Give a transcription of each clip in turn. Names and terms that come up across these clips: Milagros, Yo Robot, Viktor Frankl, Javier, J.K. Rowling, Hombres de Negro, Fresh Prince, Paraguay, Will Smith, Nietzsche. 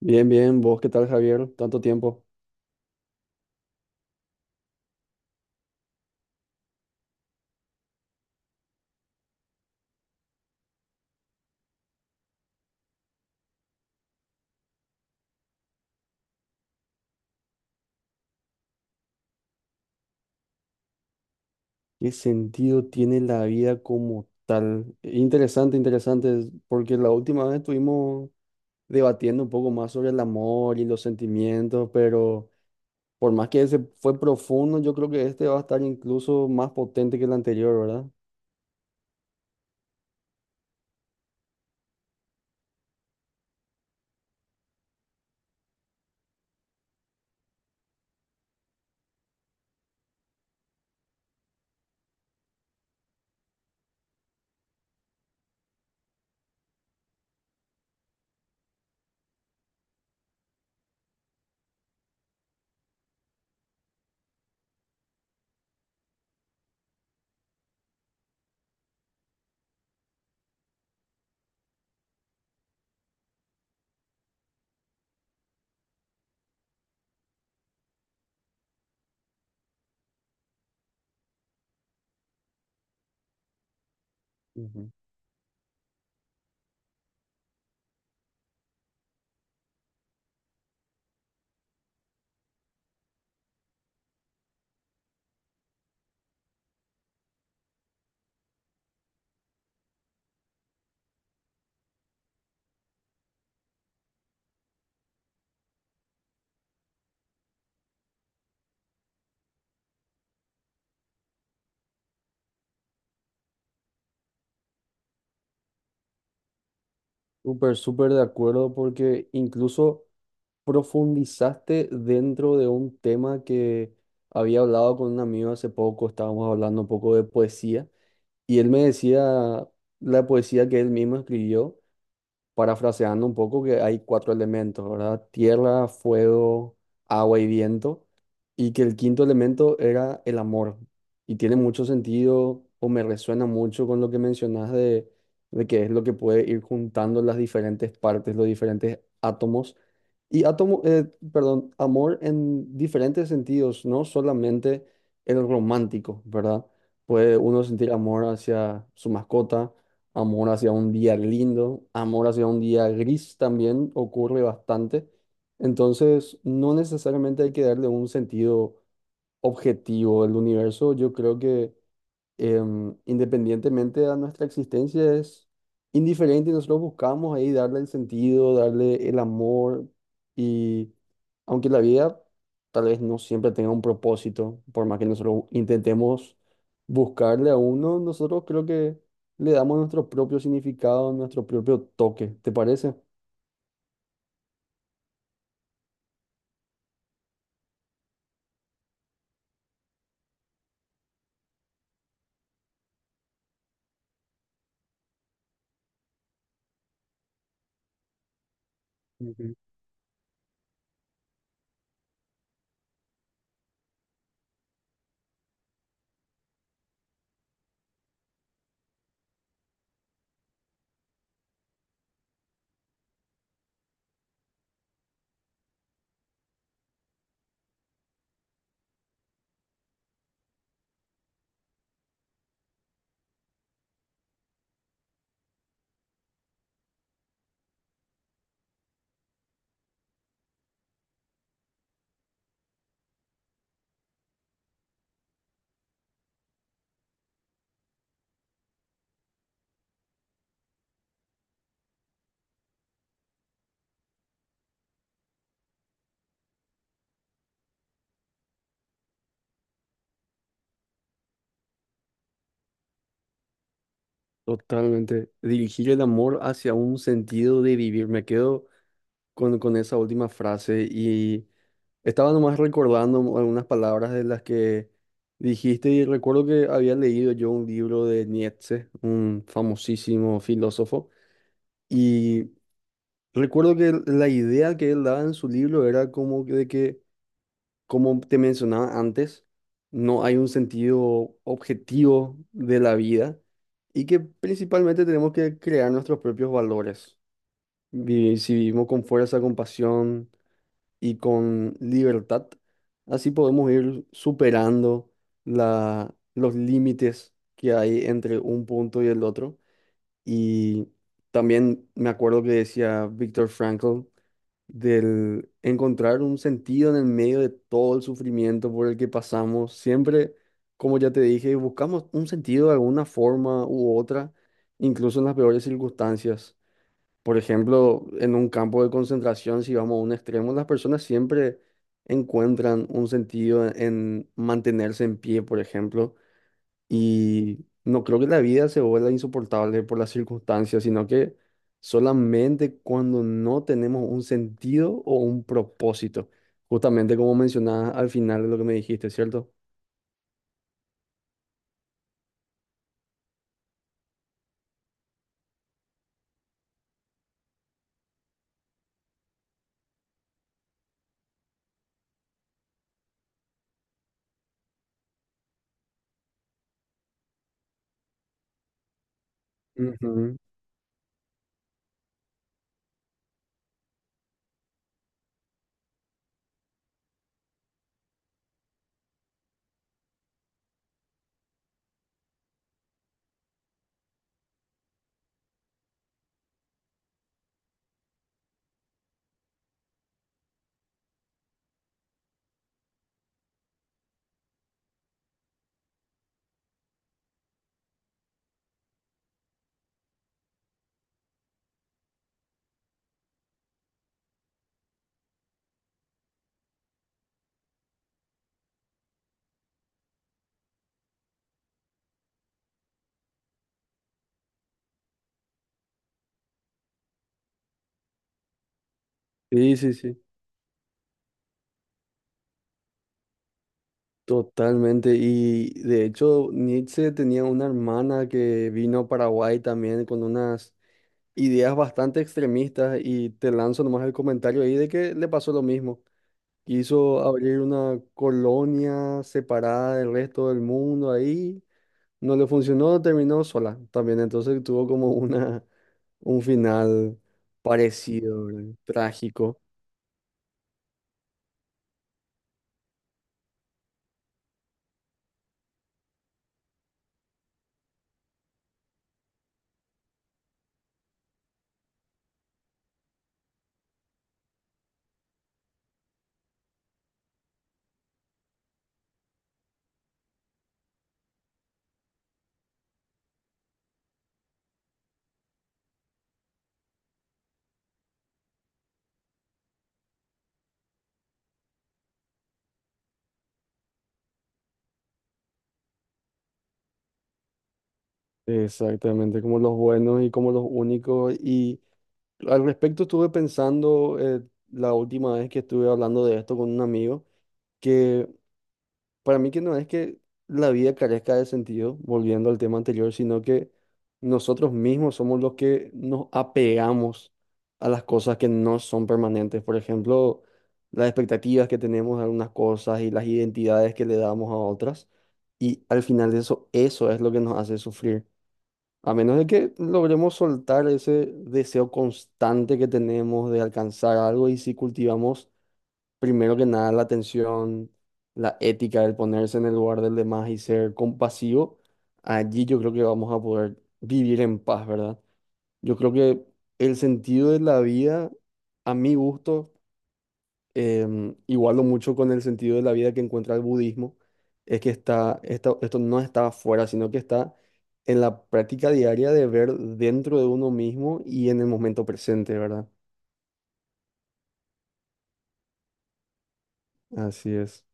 Bien, bien, vos, ¿qué tal, Javier? Tanto tiempo. ¿Qué sentido tiene la vida como tal? Interesante, interesante, porque la última vez estuvimos debatiendo un poco más sobre el amor y los sentimientos, pero por más que ese fue profundo, yo creo que este va a estar incluso más potente que el anterior, ¿verdad? Ujú. Súper, súper de acuerdo porque incluso profundizaste dentro de un tema que había hablado con un amigo hace poco, estábamos hablando un poco de poesía y él me decía la poesía que él mismo escribió parafraseando un poco, que hay cuatro elementos, ¿verdad? Tierra, fuego, agua y viento, y que el quinto elemento era el amor. Y tiene mucho sentido o me resuena mucho con lo que mencionas de, que es lo que puede ir juntando las diferentes partes, los diferentes átomos. Y perdón, amor en diferentes sentidos, no solamente el romántico, ¿verdad? Puede uno sentir amor hacia su mascota. Amor hacia un día lindo, amor hacia un día gris también ocurre bastante. Entonces, no necesariamente hay que darle un sentido objetivo. El universo, yo creo que independientemente a nuestra existencia, es indiferente y nosotros buscamos ahí darle el sentido, darle el amor y aunque la vida tal vez no siempre tenga un propósito, por más que nosotros intentemos buscarle a uno, nosotros creo que le damos nuestro propio significado, nuestro propio toque, ¿te parece? Ujú. Totalmente. Dirigir el amor hacia un sentido de vivir. Me quedo con esa última frase y estaba nomás recordando algunas palabras de las que dijiste y recuerdo que había leído yo un libro de Nietzsche, un famosísimo filósofo, y recuerdo que la idea que él daba en su libro era como que de que, como te mencionaba antes, no hay un sentido objetivo de la vida y que principalmente tenemos que crear nuestros propios valores. Si vivimos con fuerza, compasión y con libertad. Así podemos ir superando los límites que hay entre un punto y el otro. Y también me acuerdo que decía Viktor Frankl del encontrar un sentido en el medio de todo el sufrimiento por el que pasamos. Siempre, como ya te dije, buscamos un sentido de alguna forma u otra, incluso en las peores circunstancias. Por ejemplo, en un campo de concentración, si vamos a un extremo, las personas siempre encuentran un sentido en mantenerse en pie, por ejemplo, y no creo que la vida se vuelva insoportable por las circunstancias, sino que solamente cuando no tenemos un sentido o un propósito, justamente como mencionabas al final de lo que me dijiste, ¿cierto? Ujú. Sí, sí, sí. Totalmente, y de hecho Nietzsche tenía una hermana que vino a Paraguay también con unas ideas bastante extremistas y te lanzo nomás el comentario ahí de que le pasó lo mismo. Quiso abrir una colonia separada del resto del mundo ahí, no le funcionó, terminó sola también, entonces tuvo como una, un final parecido, ¿verdad? Trágico, exactamente, como los buenos y como los únicos y... Al respecto estuve pensando, la última vez que estuve hablando de esto con un amigo, que para mí que no es que la vida carezca de sentido, volviendo al tema anterior, sino que nosotros mismos somos los que nos apegamos a las cosas que no son permanentes. Por ejemplo, las expectativas que tenemos de algunas cosas y las identidades que le damos a otras. Y al final eso, eso es lo que nos hace sufrir. A menos de que logremos soltar ese deseo constante que tenemos de alcanzar algo y si cultivamos primero que nada la atención, la ética, el ponerse en el lugar del demás y ser compasivo, allí yo creo que vamos a poder vivir en paz, ¿verdad? Yo creo que el sentido de la vida, a mi gusto, em, igualo mucho con el sentido de la vida que encuentra el budismo, es que esto no está afuera, sino que está en la práctica diaria de ver dentro de uno mismo y en el momento presente, ¿verdad? Así es,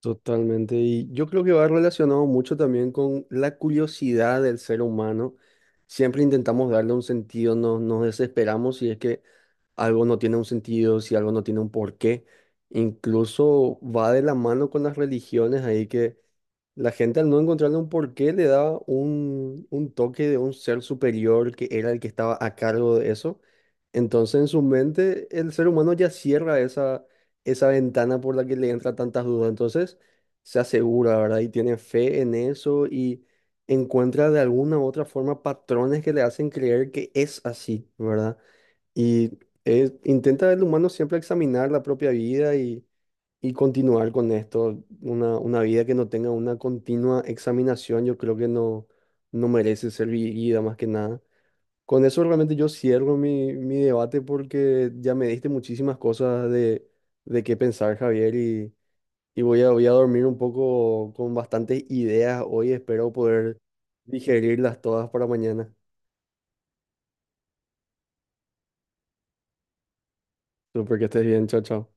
totalmente. Y yo creo que va relacionado mucho también con la curiosidad del ser humano. Siempre intentamos darle un sentido, nos desesperamos si es que algo no tiene un sentido, si algo no tiene un porqué. Incluso va de la mano con las religiones ahí que la gente al no encontrarle un porqué le daba un toque de un ser superior que era el que estaba a cargo de eso. Entonces en su mente el ser humano ya cierra esa ventana por la que le entra tantas dudas. Entonces se asegura, ¿verdad? Y tiene fe en eso y encuentra de alguna u otra forma patrones que le hacen creer que es así, ¿verdad? Y, intenta el humano siempre examinar la propia vida y continuar con esto, una vida que no tenga una continua examinación, yo creo que no, no merece ser vivida más que nada. Con eso realmente yo cierro mi debate porque ya me diste muchísimas cosas de qué pensar, Javier, y voy a dormir un poco con bastantes ideas hoy. Espero poder digerirlas todas para mañana. Súper que estés bien, chao, chao.